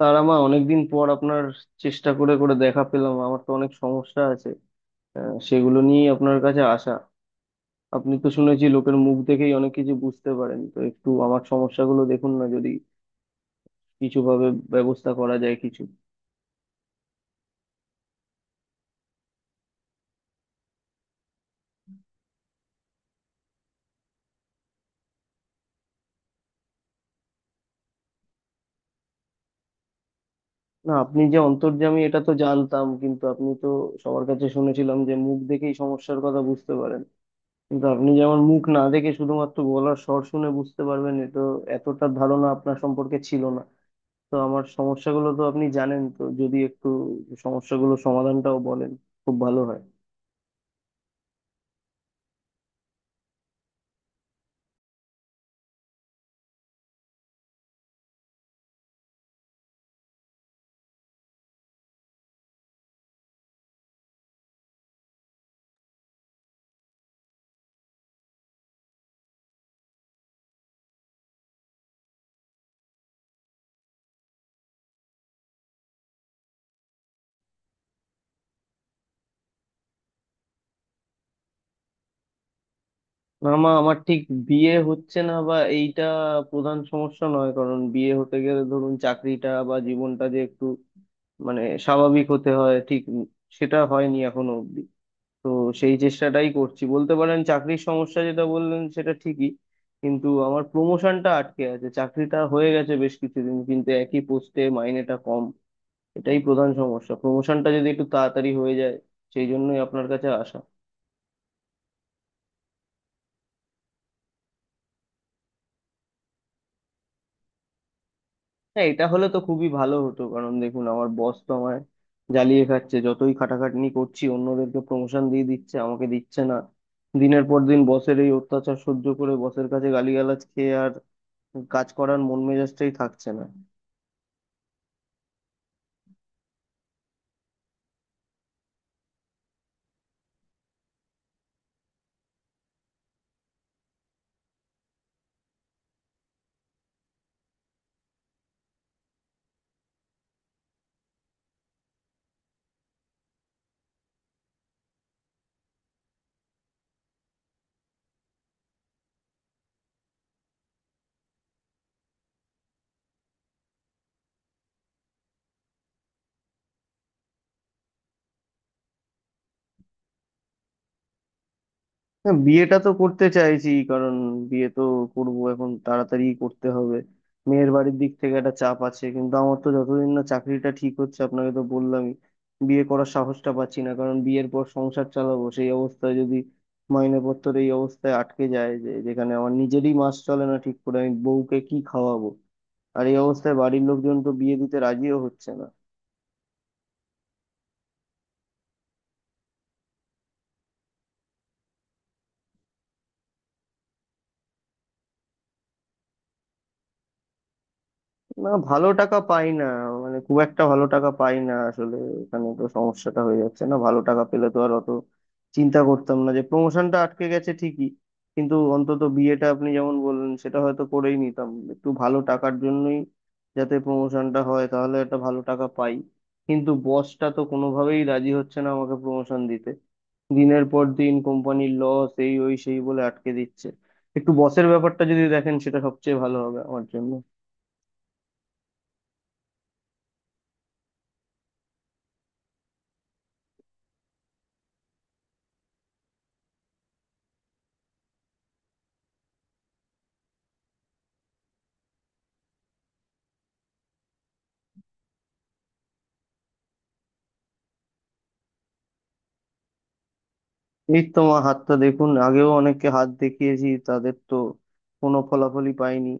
তারা মা, অনেকদিন পর আপনার চেষ্টা করে করে দেখা পেলাম। আমার তো অনেক সমস্যা আছে, সেগুলো নিয়েই আপনার কাছে আসা। আপনি তো শুনেছি লোকের মুখ দেখেই অনেক কিছু বুঝতে পারেন, তো একটু আমার সমস্যাগুলো দেখুন না, যদি কিছু ভাবে ব্যবস্থা করা যায় কিছু। না, আপনি যে অন্তর্যামী এটা তো জানতাম, কিন্তু আপনি তো সবার কাছে শুনেছিলাম যে মুখ দেখেই সমস্যার কথা বুঝতে পারেন, কিন্তু আপনি যে আমার মুখ না দেখে শুধুমাত্র গলার স্বর শুনে বুঝতে পারবেন, এটা এতটা ধারণা আপনার সম্পর্কে ছিল না। তো আমার সমস্যাগুলো তো আপনি জানেন, তো যদি একটু সমস্যাগুলো সমাধানটাও বলেন খুব ভালো হয়। না মা, আমার ঠিক বিয়ে হচ্ছে না বা এইটা প্রধান সমস্যা নয়, কারণ বিয়ে হতে গেলে ধরুন চাকরিটা বা জীবনটা যে একটু মানে স্বাভাবিক হতে হয়, ঠিক সেটা হয়নি এখনো অব্দি। তো সেই চেষ্টাটাই করছি বলতে পারেন। চাকরির সমস্যা যেটা বললেন সেটা ঠিকই, কিন্তু আমার প্রমোশনটা আটকে আছে, চাকরিটা হয়ে গেছে বেশ কিছুদিন কিন্তু একই পোস্টে মাইনেটা কম। এটাই প্রধান সমস্যা, প্রমোশনটা যদি একটু তাড়াতাড়ি হয়ে যায়, সেই জন্যই আপনার কাছে আসা। হ্যাঁ, এটা হলে তো খুবই ভালো হতো, কারণ দেখুন আমার বস তো আমায় জ্বালিয়ে খাচ্ছে, যতই খাটাখাটনি করছি অন্যদেরকে প্রমোশন দিয়ে দিচ্ছে আমাকে দিচ্ছে না। দিনের পর দিন বসের এই অত্যাচার সহ্য করে বসের কাছে গালিগালাজ খেয়ে আর কাজ করার মন মেজাজটাই থাকছে না। না, বিয়েটা তো করতে চাইছি, কারণ বিয়ে তো করব এখন, তাড়াতাড়ি করতে হবে। মেয়ের বাড়ির দিক থেকে একটা চাপ আছে, কিন্তু আমার তো যতদিন না চাকরিটা ঠিক হচ্ছে, আপনাকে তো বললামই, বিয়ে করার সাহসটা পাচ্ছি না। কারণ বিয়ের পর সংসার চালাবো, সেই অবস্থায় যদি মাইনেপত্র এই অবস্থায় আটকে যায়, যে যেখানে আমার নিজেরই মাস চলে না ঠিক করে, আমি বউকে কি খাওয়াবো? আর এই অবস্থায় বাড়ির লোকজন তো বিয়ে দিতে রাজিও হচ্ছে না। না, ভালো টাকা পাই না, মানে খুব একটা ভালো টাকা পাই না আসলে। এখানে তো সমস্যাটা হয়ে যাচ্ছে, না ভালো টাকা পেলে তো আর অত চিন্তা করতাম না, যে প্রমোশনটা আটকে গেছে ঠিকই, কিন্তু অন্তত বিয়েটা আপনি যেমন বললেন সেটা হয়তো করেই নিতাম। একটু ভালো টাকার জন্যই, যাতে প্রমোশনটা হয় তাহলে একটা ভালো টাকা পাই, কিন্তু বসটা তো কোনোভাবেই রাজি হচ্ছে না আমাকে প্রমোশন দিতে। দিনের পর দিন কোম্পানির লস, এই ওই সেই বলে আটকে দিচ্ছে। একটু বসের ব্যাপারটা যদি দেখেন সেটা সবচেয়ে ভালো হবে আমার জন্য। এই তো মা, হাতটা দেখুন। আগেও অনেককে হাত দেখিয়েছি, তাদের তো কোনো ফলাফলই পাইনি।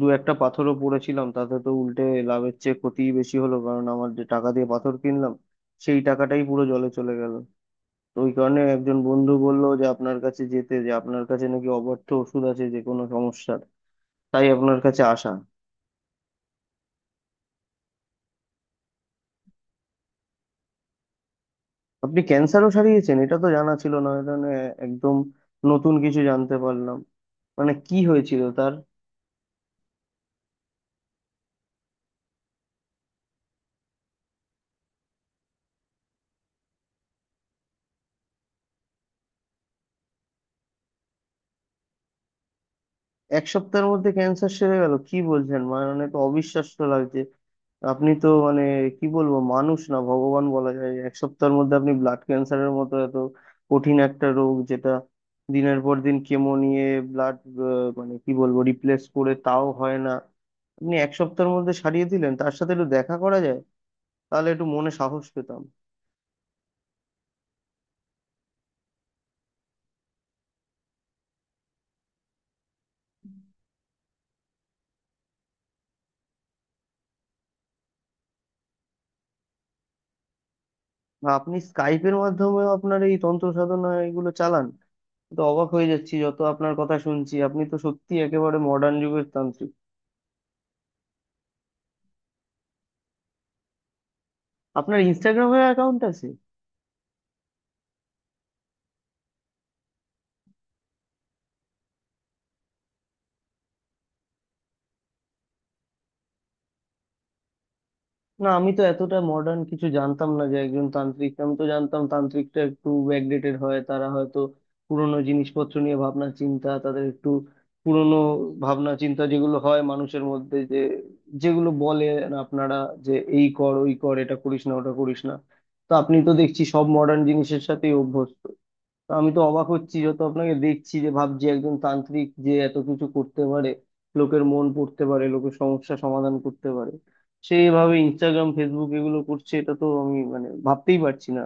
দু একটা পাথরও পড়েছিলাম, তাতে তো উল্টে লাভের চেয়ে ক্ষতিই বেশি হলো, কারণ আমার যে টাকা দিয়ে পাথর কিনলাম সেই টাকাটাই পুরো জলে চলে গেল। তো ওই কারণে একজন বন্ধু বলল যে আপনার কাছে যেতে, যে আপনার কাছে নাকি অব্যর্থ ওষুধ আছে যে কোনো সমস্যার, তাই আপনার কাছে আসা। আপনি ক্যান্সারও সারিয়েছেন এটা তো জানা ছিল না, এটা নিয়ে একদম নতুন কিছু জানতে পারলাম। মানে কি হয়েছিল তার? এক সপ্তাহের মধ্যে ক্যান্সার সেরে গেল, কি বলছেন? মানে তো অবিশ্বাস্য লাগছে। আপনি তো মানে কি বলবো, মানুষ না ভগবান বলা যায়। এক সপ্তাহের মধ্যে আপনি ব্লাড ক্যান্সারের মতো এত কঠিন একটা রোগ, যেটা দিনের পর দিন কেমো নিয়ে ব্লাড মানে কি বলবো রিপ্লেস করে তাও হয় না, আপনি এক সপ্তাহের মধ্যে সারিয়ে দিলেন। তার সাথে একটু দেখা করা যায়? তাহলে একটু মনে সাহস পেতাম। বা আপনি স্কাইপের মাধ্যমেও আপনার এই তন্ত্র সাধনা এগুলো চালান? তো অবাক হয়ে যাচ্ছি, যত আপনার কথা শুনছি আপনি তো সত্যি একেবারে মডার্ন যুগের তান্ত্রিক। আপনার ইনস্টাগ্রামে অ্যাকাউন্ট আছে? না, আমি তো এতটা মডার্ন কিছু জানতাম না যে একজন তান্ত্রিক। আমি তো জানতাম তান্ত্রিকটা একটু ব্যাকডেটেড হয়, তারা হয়তো পুরনো জিনিসপত্র নিয়ে ভাবনা চিন্তা, তাদের একটু পুরনো ভাবনা চিন্তা যেগুলো হয় মানুষের মধ্যে, যে যেগুলো বলে আপনারা, যে এই কর ওই কর, এটা করিস না ওটা করিস না। তো আপনি তো দেখছি সব মডার্ন জিনিসের সাথেই অভ্যস্ত। তো আমি তো অবাক হচ্ছি, যত আপনাকে দেখছি যে ভাবছি একজন তান্ত্রিক যে এত কিছু করতে পারে, লোকের মন পড়তে পারে, লোকের সমস্যা সমাধান করতে পারে, সে এভাবে ইনস্টাগ্রাম ফেসবুক এগুলো করছে, এটা তো আমি মানে ভাবতেই পারছি না।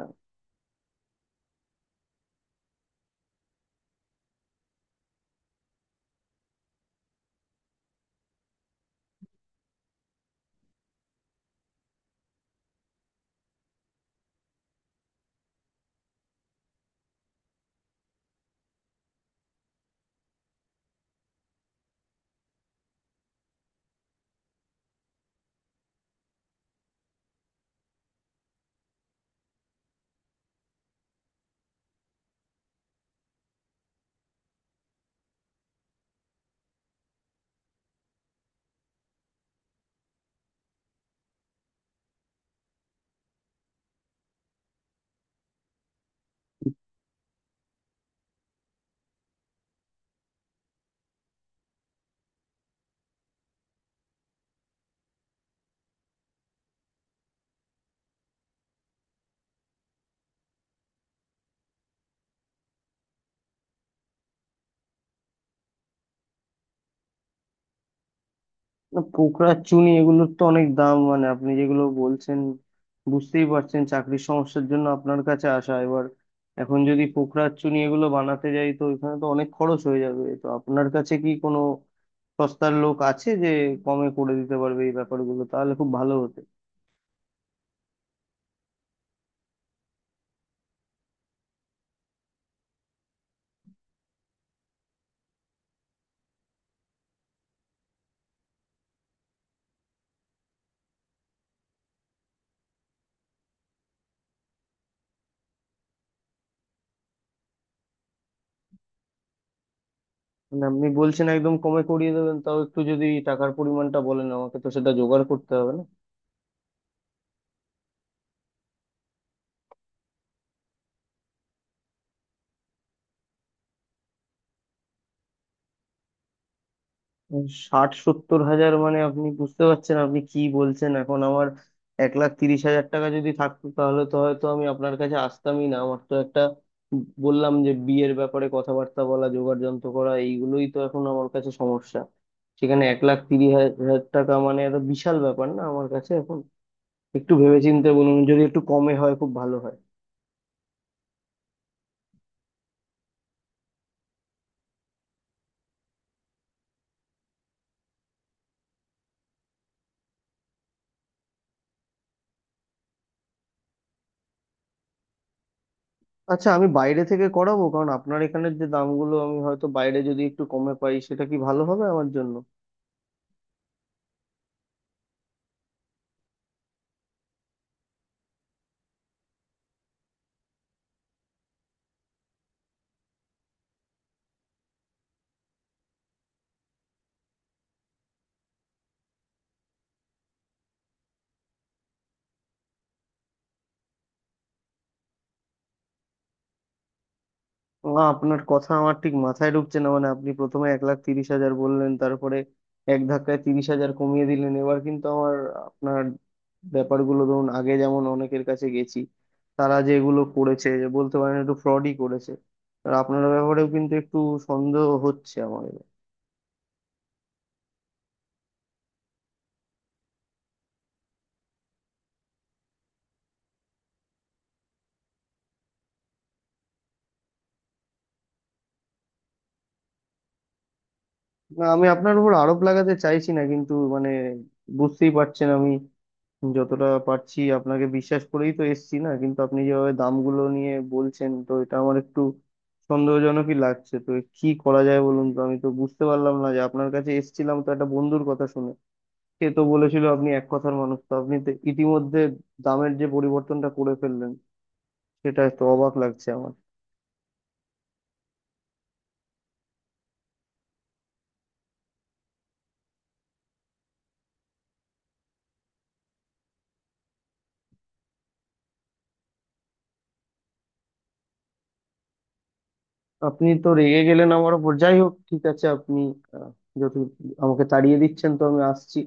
না, পোকড়া চুনি এগুলোর তো অনেক দাম, মানে আপনি যেগুলো বলছেন। বুঝতেই পারছেন চাকরির সমস্যার জন্য আপনার কাছে আসা, এবার এখন যদি পোকড়া চুনি এগুলো বানাতে যাই তো এখানে তো অনেক খরচ হয়ে যাবে। তো আপনার কাছে কি কোনো সস্তার লোক আছে যে কমে করে দিতে পারবে এই ব্যাপারগুলো, তাহলে খুব ভালো হতো। মানে আপনি বলছেন একদম কমে করিয়ে দেবেন, তাও একটু যদি টাকার পরিমাণটা বলেন আমাকে তো সেটা জোগাড় করতে হবে না? ষাট সত্তর হাজার, মানে আপনি বুঝতে পারছেন আপনি কি বলছেন? এখন আমার 1,30,000 টাকা যদি থাকতো তাহলে তো হয়তো আমি আপনার কাছে আসতামই না। আমার তো একটা বললাম যে বিয়ের ব্যাপারে কথাবার্তা বলা, জোগাড় যন্ত্র করা, এইগুলোই তো এখন আমার কাছে সমস্যা। সেখানে 1,30,000 টাকা মানে একটা বিশাল ব্যাপার, না আমার কাছে এখন। একটু ভেবেচিন্তে বলুন, যদি একটু কমে হয় খুব ভালো হয়। আচ্ছা, আমি বাইরে থেকে করাবো, কারণ আপনার এখানের যে দামগুলো, আমি হয়তো বাইরে যদি একটু কমে পাই সেটা কি ভালো হবে আমার জন্য? না, আপনার কথা আমার ঠিক মাথায় ঢুকছে না, মানে আপনি প্রথমে 1,30,000 বললেন তারপরে এক ধাক্কায় 30,000 কমিয়ে দিলেন। এবার কিন্তু আমার আপনার ব্যাপারগুলো, ধরুন আগে যেমন অনেকের কাছে গেছি, তারা যে এগুলো করেছে যে বলতে পারেন একটু ফ্রডই করেছে, আর আপনার ব্যাপারেও কিন্তু একটু সন্দেহ হচ্ছে আমার এবার। না, আমি আপনার উপর আরোপ লাগাতে চাইছি না, কিন্তু মানে বুঝতেই পারছেন আমি যতটা পারছি আপনাকে বিশ্বাস করেই তো এসছি। না, কিন্তু আপনি যেভাবে দামগুলো নিয়ে বলছেন, তো এটা আমার একটু সন্দেহজনকই লাগছে। তো কি করা যায় বলুন তো, আমি তো বুঝতে পারলাম না। যে আপনার কাছে এসছিলাম তো একটা বন্ধুর কথা শুনে, সে তো বলেছিল আপনি এক কথার মানুষ, তো আপনি তো ইতিমধ্যে দামের যে পরিবর্তনটা করে ফেললেন সেটা তো অবাক লাগছে আমার। আপনি তো রেগে গেলেন আমার ওপর, যাই হোক ঠিক আছে আপনি, আহ, যত আমাকে তাড়িয়ে দিচ্ছেন, তো আমি আসছি।